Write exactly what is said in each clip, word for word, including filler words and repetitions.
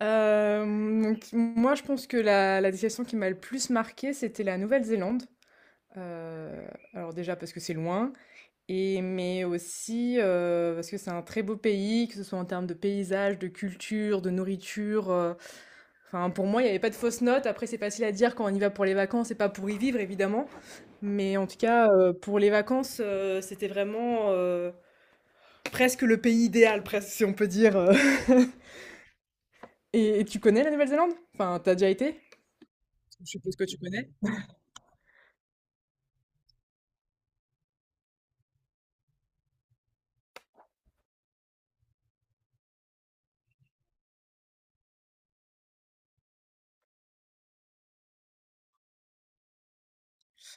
Hem, donc moi, je pense que la la destination qui m'a le plus marquée, c'était la Nouvelle-Zélande. Heu, alors déjà parce que c'est loin et mais aussi, heu, parce que c'est un très beau pays, que ce soit en termes de paysages, de culture, de nourriture, heu, enfin pour moi, il n'y avait pas de fausses notes. Après, c'est facile à dire quand on y va pour les vacances et pas pour y vivre évidemment, mais en tout cas, heu, pour les vacances, heu, c'était vraiment, heu, presque le pays idéal, presque si on peut dire, heu et et tu connais la Nouvelle-Zélande? Enfin, t'as déjà été? Je suppose que tu connais.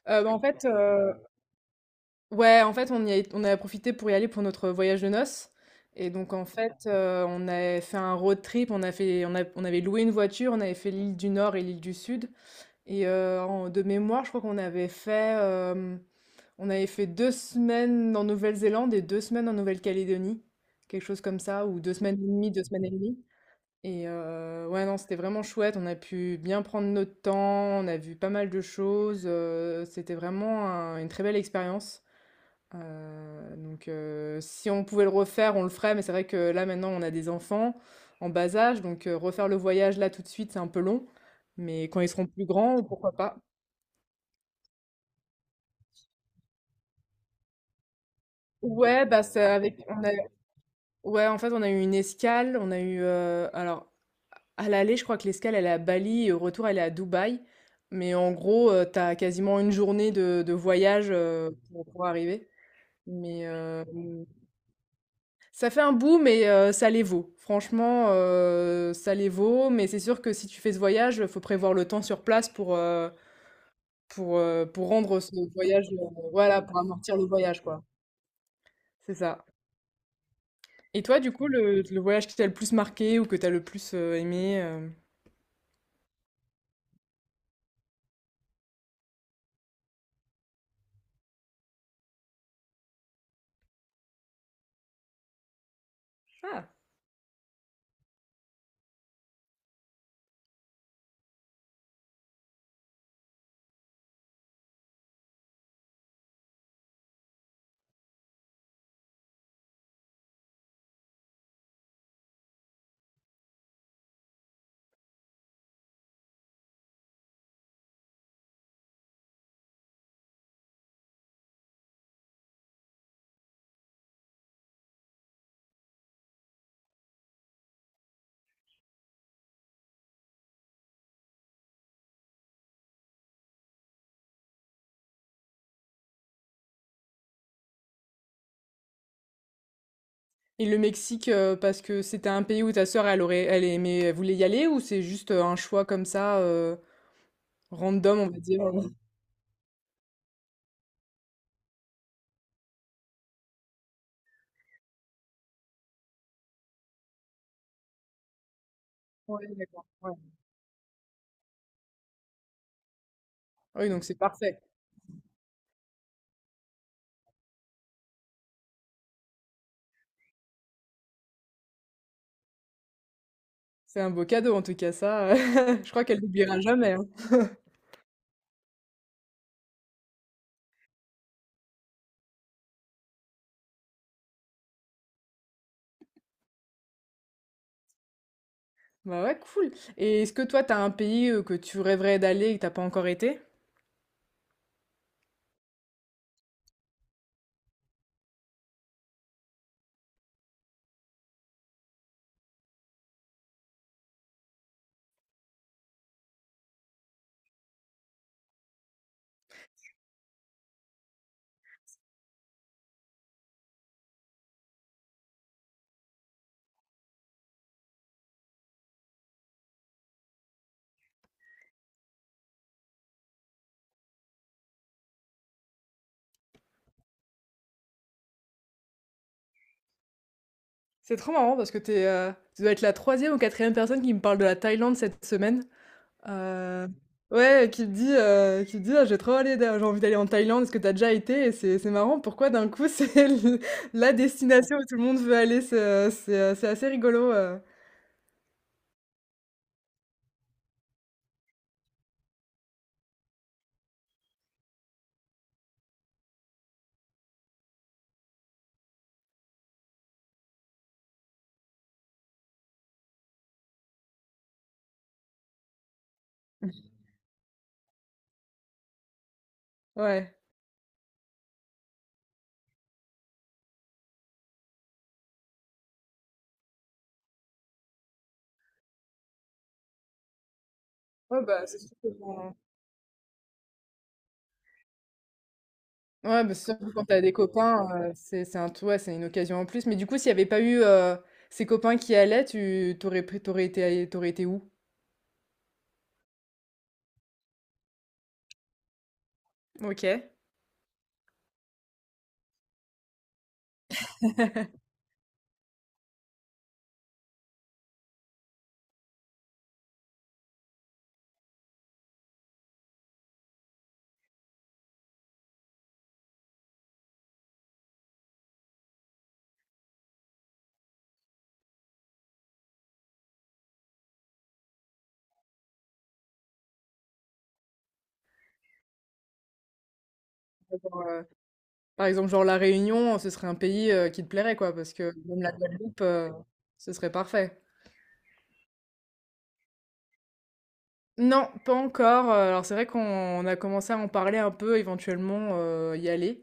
Euh, bah, en fait, euh, ouais, en fait, on y a, on a profité pour y aller pour notre voyage de noces. Et donc, en fait, euh, on a fait un road trip, on a fait, on a- on avait loué une voiture, on avait fait l'île du Nord et l'île du Sud. Et euh, en- de mémoire, je crois qu'on avait fait, euh, on avait fait deux semaines en Nouvelle-Zélande et deux semaines en Nouvelle-Calédonie, quelque chose comme ça, ou deux semaines et demie, deux semaines et demie. Et heu, ouais, non, c'était vraiment chouette. On a pu bien prendre notre temps, on a vu pas mal de choses, heu, c'était vraiment un une très belle expérience. Heu, donc heu, si on pouvait le refaire, on le ferait, mais c'est vrai que là, maintenant, on a des enfants en bas âge, donc heu, refaire le voyage là, tout de suite, c'est un peu long, mais quand ils seront plus grands, pourquoi pas? Ouais, bah, c'est avec on a ouais, en fait, on a eu une escale, on a eu, heu, alors À l'aller, je crois que l'escale, elle est à Bali et au retour, elle est à Dubaï. Mais en gros, euh, t'as quasiment une journée de, de voyage euh, pour, pour arriver. Mais euh, Ça fait un bout, mais euh, ça les vaut. Franchement, euh, ça les vaut. Mais c'est sûr que si tu fais ce voyage, il faut prévoir le temps sur place pour, euh, pour, euh, pour rendre ce voyage, euh, voilà, pour amortir le voyage, quoi. C'est ça. Et toi, du coup, le, le voyage qui t'a le plus marqué ou que t'as le plus euh, aimé euh, Ah. Et le Mexique, euh, parce que c'était un pays où ta sœur, elle aurait, elle aimait, elle voulait y aller, ou c'est juste euh, un choix comme ça, euh, random, on va dire. euh, Ouais, d'accord. Ouais. Oui, donc c'est parfait. C'est un beau cadeau, en tout cas, ça. euh, Je crois qu'elle n'oubliera jamais, hein. Bah ouais, cool. Et est-ce que toi, t'as un pays euh, que tu rêverais d'aller et que t'as pas encore été? C'est trop marrant parce que t'es, euh, tu dois être la troisième ou quatrième personne qui me parle de la Thaïlande cette semaine. Heu, ouais, qui te dit, heu, qui te dit: «Ah j'ai trop aller da j'ai envie d'aller en Thaïlande, est-ce que t'as déjà été?» Et c'est c'est marrant pourquoi d'un coup c'est le la destination où tout le monde veut aller, c'est, heu, c'est, heu, c'est assez rigolo, heu, Ouais. Ouais, bah, c'est sûr que quand Ouais, bah, c'est sûr que quand t'as des copains, heu, c'est c'est un tout ouais, c'est une occasion en plus. Mais du coup, s'il y avait pas eu, heu, ces copains qui allaient, tu t'aurais aurais pris tu été allé tu été où? OK. Par exemple, genre La Réunion, ce serait un pays, heu, qui te plairait quoi? Parce que même la Guadeloupe, heu, ce serait parfait. Non, pas encore, heu, alors c'est vrai qu'on on a commencé à en parler un peu, éventuellement, heu, y aller,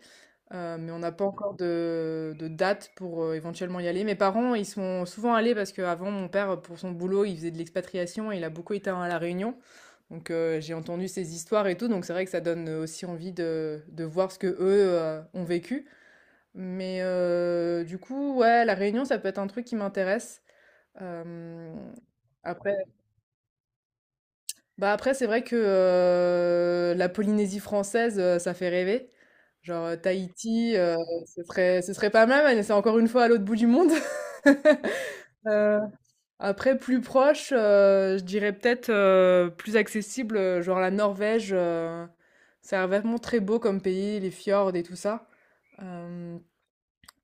heu, mais on n'a pas encore de de date pour, heu, éventuellement y aller. Mes parents, ils sont souvent allés parce qu'avant mon père, pour son boulot, il faisait de l'expatriation et il a beaucoup été à La Réunion, donc heu, j'ai entendu ces histoires et tout, donc c'est vrai que ça donne, aussi envie de de voir ce qu'eux, heu, ont vécu, mais heu, du coup, ouais, La Réunion, ça peut être un truc qui m'intéresse. Hem, après Bah, après, c'est vrai que, heu, la Polynésie française, heu, ça fait rêver. Genre, heu, Tahiti, heu, ce serait ce serait pas mal, mais c'est encore une fois à l'autre bout du monde. Heu, Après plus proche, heu, je dirais peut-être, heu, plus accessible, heu, genre la Norvège, heu, ça vraiment très beau comme pays, les fjords et tout ça. Hem,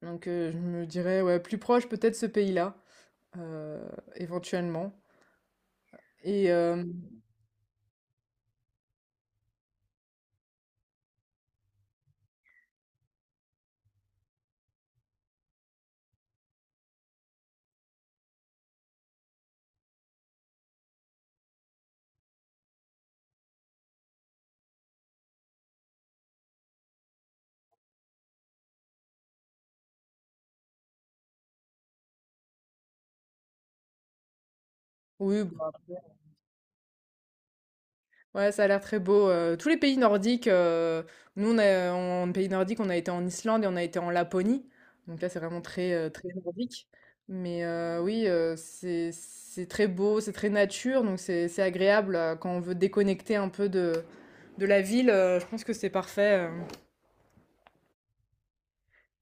donc, heu, je me dirais, ouais, plus proche peut-être ce pays-là, heu, éventuellement et hem oui, bah, Ouais, ça a l'air très beau. Euh, tous les pays nordiques, euh, nous, on a, en pays nordique, on a été en Islande et on a été en Laponie. Donc là, c'est vraiment très, euh, très nordique. Mais euh, oui, euh, c'est, c'est très beau, c'est très nature, donc c'est, c'est agréable euh, quand on veut déconnecter un peu de, de la ville. euh, Je pense que c'est parfait. euh.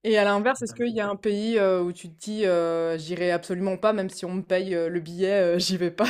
Et à l'inverse, est-ce qu'il y a un pays euh, où tu te dis, euh, j'irai absolument pas, même si on me paye euh, le billet, euh, j'y vais pas?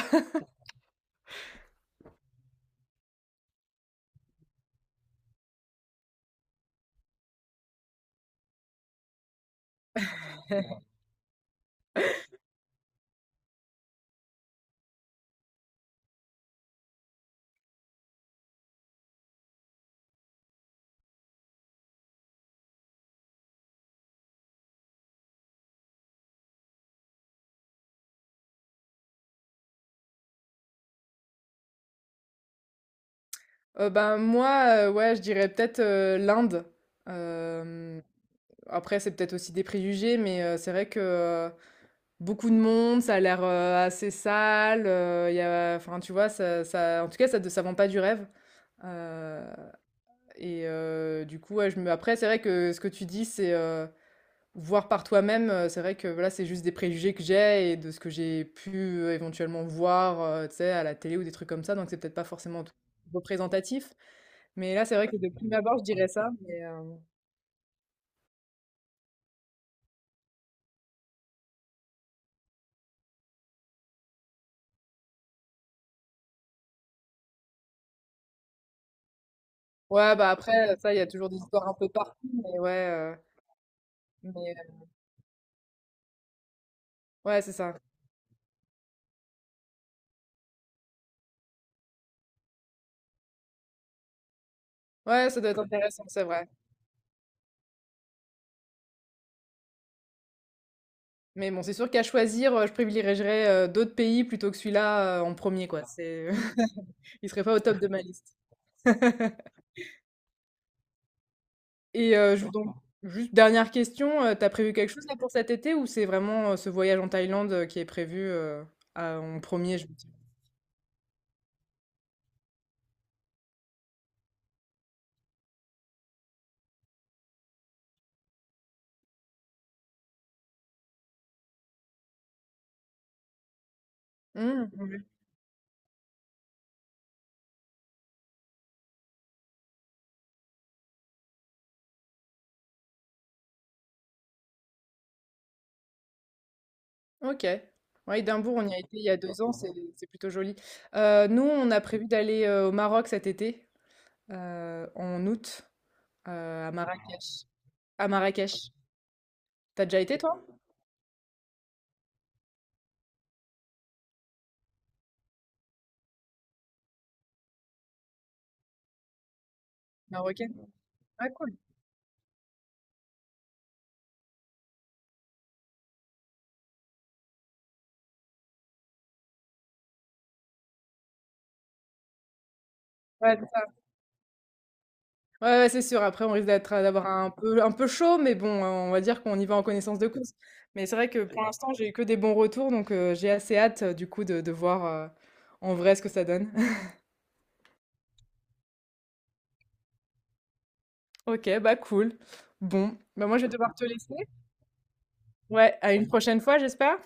Euh, ben moi, euh, ouais, je dirais peut-être euh, l'Inde. Euh, Après, c'est peut-être aussi des préjugés, mais heu, c'est vrai que, heu, beaucoup de monde, ça a l'air, heu, assez sale, heu, il y a enfin, tu vois? Ça ça en tout cas, ça de ça vend pas du rêve, heu et heu, du coup, ouais, je me après, c'est vrai que ce que tu dis, c'est, heu, voir par toi-même, heu, c'est vrai que, voilà, c'est juste des préjugés que j'ai et de ce que j'ai pu, heu, éventuellement voir, heu, tu sais, à la télé ou des trucs comme ça, donc c'est peut-être pas forcément tout représentatif, mais là, c'est vrai que de prime abord, je dirais ça, mais heu, ouais, bah, après, ça, il y a toujours des histoires un peu partout, mais ouais, heu Mais heu, ouais, c'est ça. Ouais, ça doit être intéressant, c'est vrai. Mais bon, c'est sûr qu'à choisir, heu, je privilégierais, heu, d'autres pays plutôt que celui-là, heu, en premier quoi. C'est il serait pas au top de ma liste. Et heu, je donc juste dernière question, heu, tu prévu quelque chose là pour cet été ou c'est vraiment, heu, ce voyage en Thaïlande, heu, qui est prévu, heu, à en premier je me dis Mmh, oui. OK. Ouais, Édimbourg, on y a été il y a deux ans, c'est c'est plutôt joli. Heu, nous, on a prévu d'aller, heu, au Maroc cet été, heu, en août, heu, à Marrakech. À Marrakech. T'as déjà été toi? Marocaine? Ah cool. Ouais, c'est ça. Ouais, ouais, c'est sûr. Après, on risque d'être euh, d'avoir un peu un peu chaud, mais bon, euh, on va dire qu'on y va en connaissance de cause. Mais c'est vrai que pour l'instant, j'ai eu que des bons retours, donc euh, j'ai assez hâte euh, du coup de, de voir euh, en vrai ce que ça donne. Ok, bah cool. Bon, bah moi je vais devoir te laisser. Ouais, à une prochaine fois, j'espère.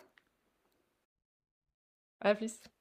À plus.